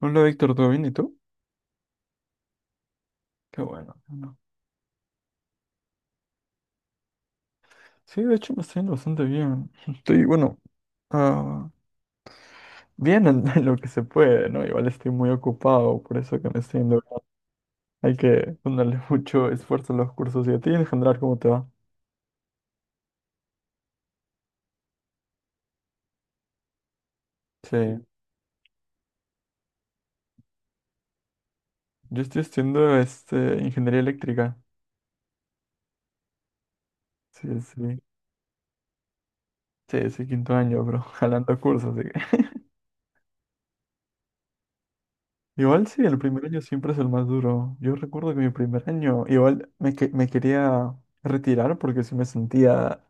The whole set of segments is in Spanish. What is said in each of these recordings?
Hola Víctor, ¿todo bien? ¿Y tú? Qué bueno. Qué bueno. Sí, de hecho me está yendo bastante bien. Estoy, bueno, ah, bien en, en lo que se puede, ¿no? Igual estoy muy ocupado, por eso que me está yendo bien. Hay que ponerle mucho esfuerzo a los cursos. ¿Y a ti en general cómo te va? Sí, yo estoy estudiando este, ingeniería eléctrica. Sí, sí. Sí, sí, quinto año, bro. Jalando cursos, así que. Igual sí, el primer año siempre es el más duro. Yo recuerdo que mi primer año, igual me quería retirar porque sí me sentía.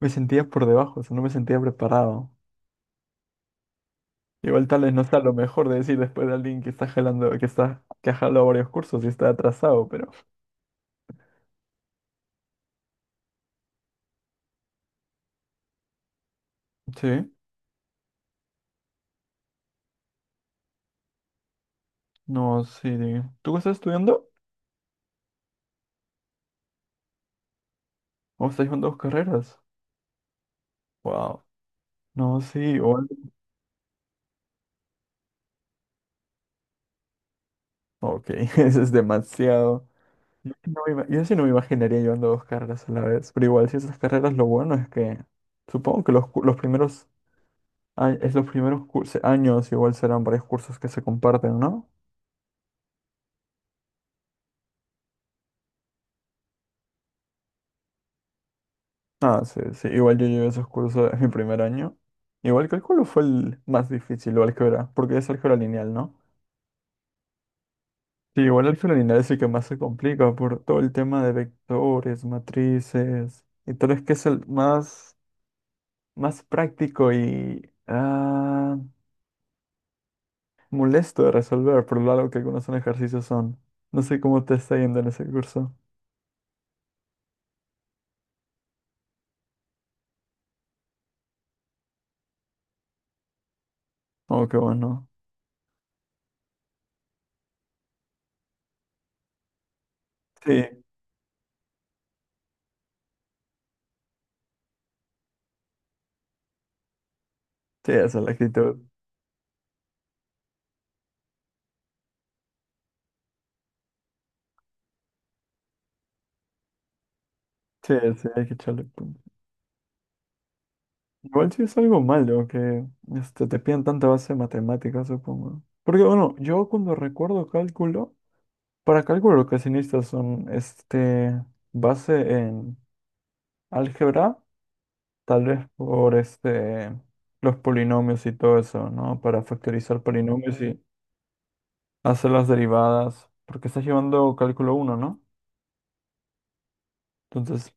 Me sentía por debajo, o sea, no me sentía preparado. Igual tal vez no sea lo mejor de decir después de alguien que está jalando, que ha jalado varios cursos y está atrasado, pero. Sí, no, sí. ¿Tú estás estudiando? ¿O estás con dos carreras? Wow. No, sí, igual. Ok, eso es demasiado. Yo sí no me imaginaría llevando dos carreras a la vez, pero igual si esas carreras lo bueno es que supongo que los primeros, a- es los primeros cursos, años igual serán varios cursos que se comparten, ¿no? Ah, sí, sí. Igual yo llevé esos cursos en mi primer año. Igual cálculo fue el más difícil, o álgebra, porque es álgebra lineal, ¿no? Sí, igual álgebra lineal es el que más se complica por todo el tema de vectores, matrices, y tal vez que es el más práctico y molesto de resolver, por lo largo que algunos son ejercicios son. No sé cómo te está yendo en ese curso. Oh, qué bueno. Sí, sí, esa es la actitud. Sí, sí, hay que echarle. Igual sí es algo malo que este, te piden tanta base de matemáticas, supongo. Porque bueno, yo cuando recuerdo cálculo, para cálculo lo que se necesita son este, base en álgebra, tal vez por este, los polinomios y todo eso, ¿no? Para factorizar polinomios y hacer las derivadas, porque estás llevando cálculo uno, ¿no? Entonces,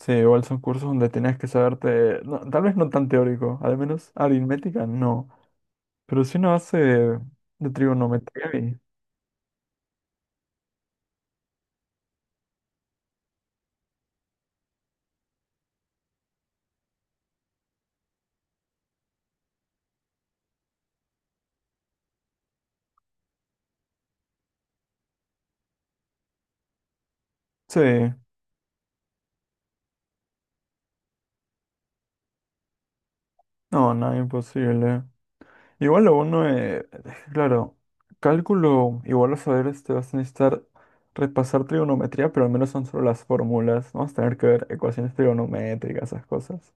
sí, igual son cursos donde tenías que saberte, no, tal vez no tan teórico, al menos aritmética no. Pero si no hace de, trigonometría y... Sí, no, nada imposible. Igual lo bueno es, claro, cálculo, igual a saber este, vas a necesitar repasar trigonometría, pero al menos son solo las fórmulas, ¿no? Vas a tener que ver ecuaciones trigonométricas, esas cosas.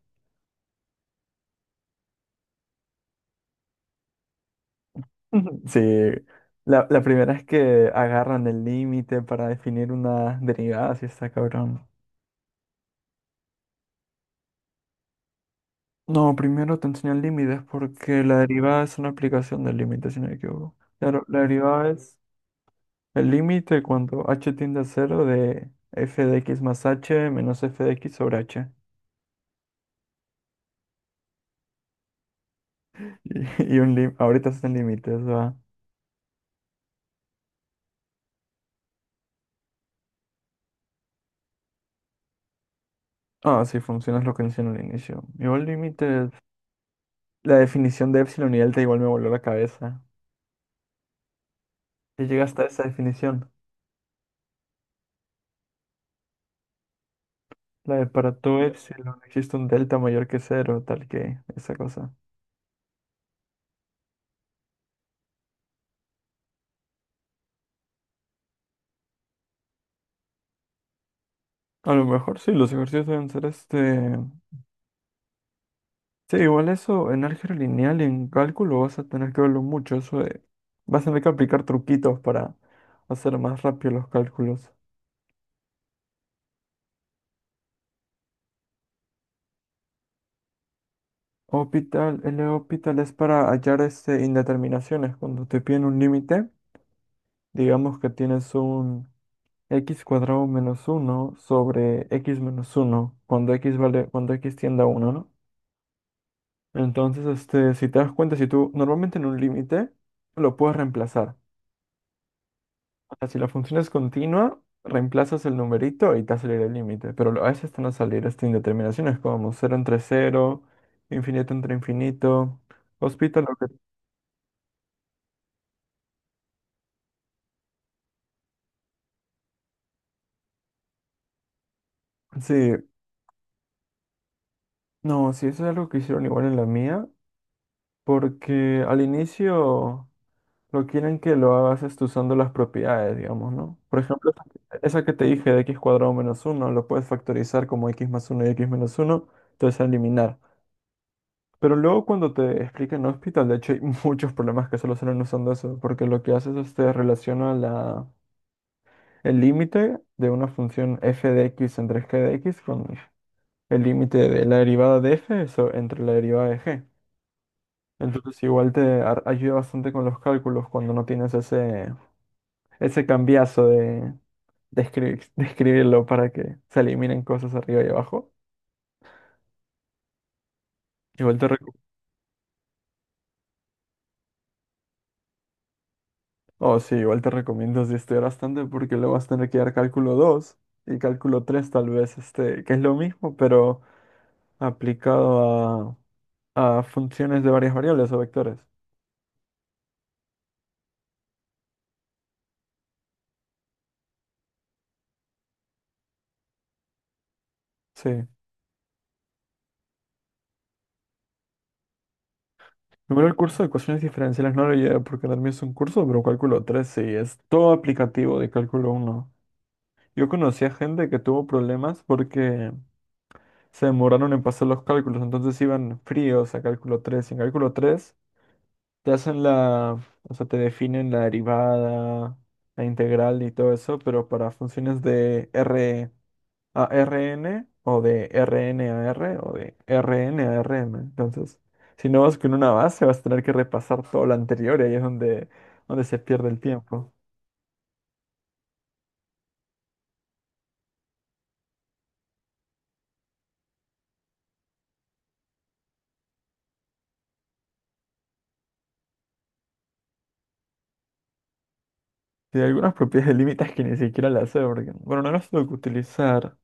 Ujú. Sí, la primera es que agarran el límite para definir una derivada, si está cabrón. No, primero te enseñan límites porque la derivada es una aplicación del límite, si no me equivoco. Claro, la derivada. El límite cuando h tiende a cero de f de x más h menos f de x sobre h. Y, y ahorita están límites, ¿va? Ah, sí, funciona es lo que mencioné al inicio. Igual límites, la definición de epsilon y delta igual me voló la cabeza. Y llega hasta esa definición. La de para todo epsilon existe un delta mayor que cero, tal que esa cosa. A lo mejor sí, los ejercicios deben ser este. Sí, igual eso en álgebra lineal y en cálculo vas a tener que verlo mucho. Vas a tener que aplicar truquitos para hacer más rápido los cálculos. Hospital, el hospital es para hallar este, indeterminaciones. Cuando te piden un límite, digamos que tienes un x cuadrado menos uno sobre x menos uno cuando x tiende a uno, ¿no? Entonces, este, si te das cuenta, si tú normalmente en un límite lo puedes reemplazar. Si la función es continua, reemplazas el numerito y te va a salir el límite. Pero a veces te van a salir estas indeterminaciones como cero entre cero, infinito entre infinito. Hospital, lo que... Sí, no, sí, eso es algo que hicieron igual en la mía. Porque al inicio lo quieren que lo hagas esto usando las propiedades, digamos, ¿no? Por ejemplo, esa que te dije de x cuadrado menos uno lo puedes factorizar como x más uno y x menos uno, entonces eliminar. Pero luego cuando te explican en hospital, de hecho hay muchos problemas que solucionan usando eso, porque lo que haces es te relaciona el límite de una función f de x entre g de x con el límite de la derivada de f eso, entre la derivada de g. Entonces igual te ayuda bastante con los cálculos cuando no tienes ese cambiazo de, de escribirlo para que se eliminen cosas arriba y abajo. Igual te Oh, sí, igual te recomiendo si estudiar bastante porque luego vas a tener que dar cálculo 2 y cálculo 3 tal vez, este, que es lo mismo, pero aplicado a funciones de varias variables o vectores. Sí. Primero el curso de ecuaciones diferenciales no lo llevé porque también es un curso, pero cálculo 3 sí, es todo aplicativo de cálculo uno. Yo conocía gente que tuvo problemas porque se demoraron en pasar los cálculos, entonces iban fríos a cálculo 3 y en cálculo 3 te hacen la, o sea, te definen la derivada, la integral y todo eso, pero para funciones de R a Rn o de Rn a R o de Rn a Rm. Entonces, si no vas con una base, vas a tener que repasar todo lo anterior y ahí es donde se pierde el tiempo. Y hay algunas propiedades de límites que ni siquiera las sé, porque, bueno, no las tengo que utilizar.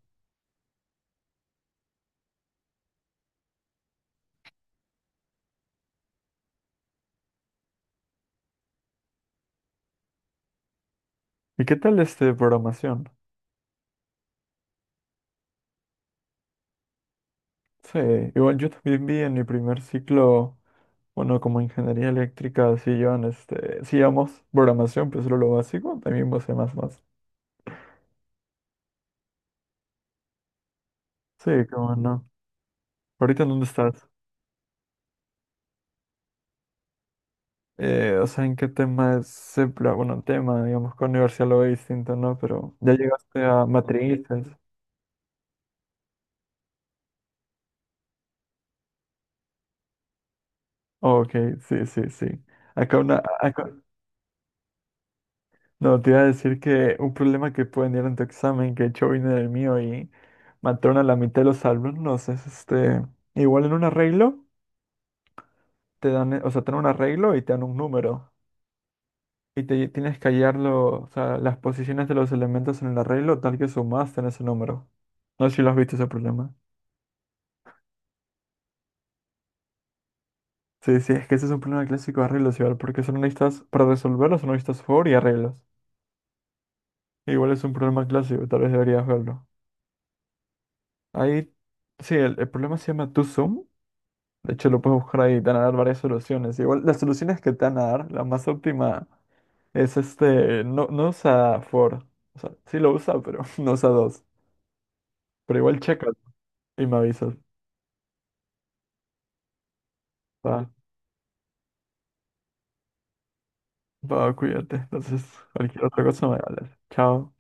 ¿Y qué tal este de programación? Sí, igual yo también vi en mi primer ciclo. Bueno, como ingeniería eléctrica, sí llevamos programación, pero solo lo básico, también vos más más. Sí, cómo no. ¿Ahorita en dónde estás? O sea, ¿en qué tema es? Bueno, tema, digamos, con universidad lo ve distinto, ¿no? Pero ya llegaste a matrices. Ok, sí, sí, sí. Acá una, no, te iba a decir que un problema que pueden ir en tu examen, que de hecho vino del mío y mataron a la mitad de los alumnos, es este, igual en un arreglo, te dan, o sea, te dan un arreglo y te dan un número. Y te tienes que hallar o sea, las posiciones de los elementos en el arreglo tal que sumaste en ese número. No sé si lo has visto ese problema. Sí, sí, es que ese es un problema clásico de arreglos igual, porque son listas, para resolverlos son listas for y arreglos. Igual es un problema clásico, tal vez deberías verlo. Ahí, sí, el problema se llama TwoSum. De hecho, lo puedes buscar ahí, te van a dar varias soluciones. Igual las soluciones que te van a dar, la más óptima es este, no, no usa for. O sea, sí lo usa, pero no usa dos. Pero igual checa y me avisas, ¿va? Va, cuídate. Entonces, cualquier otra cosa me hablas. Chao.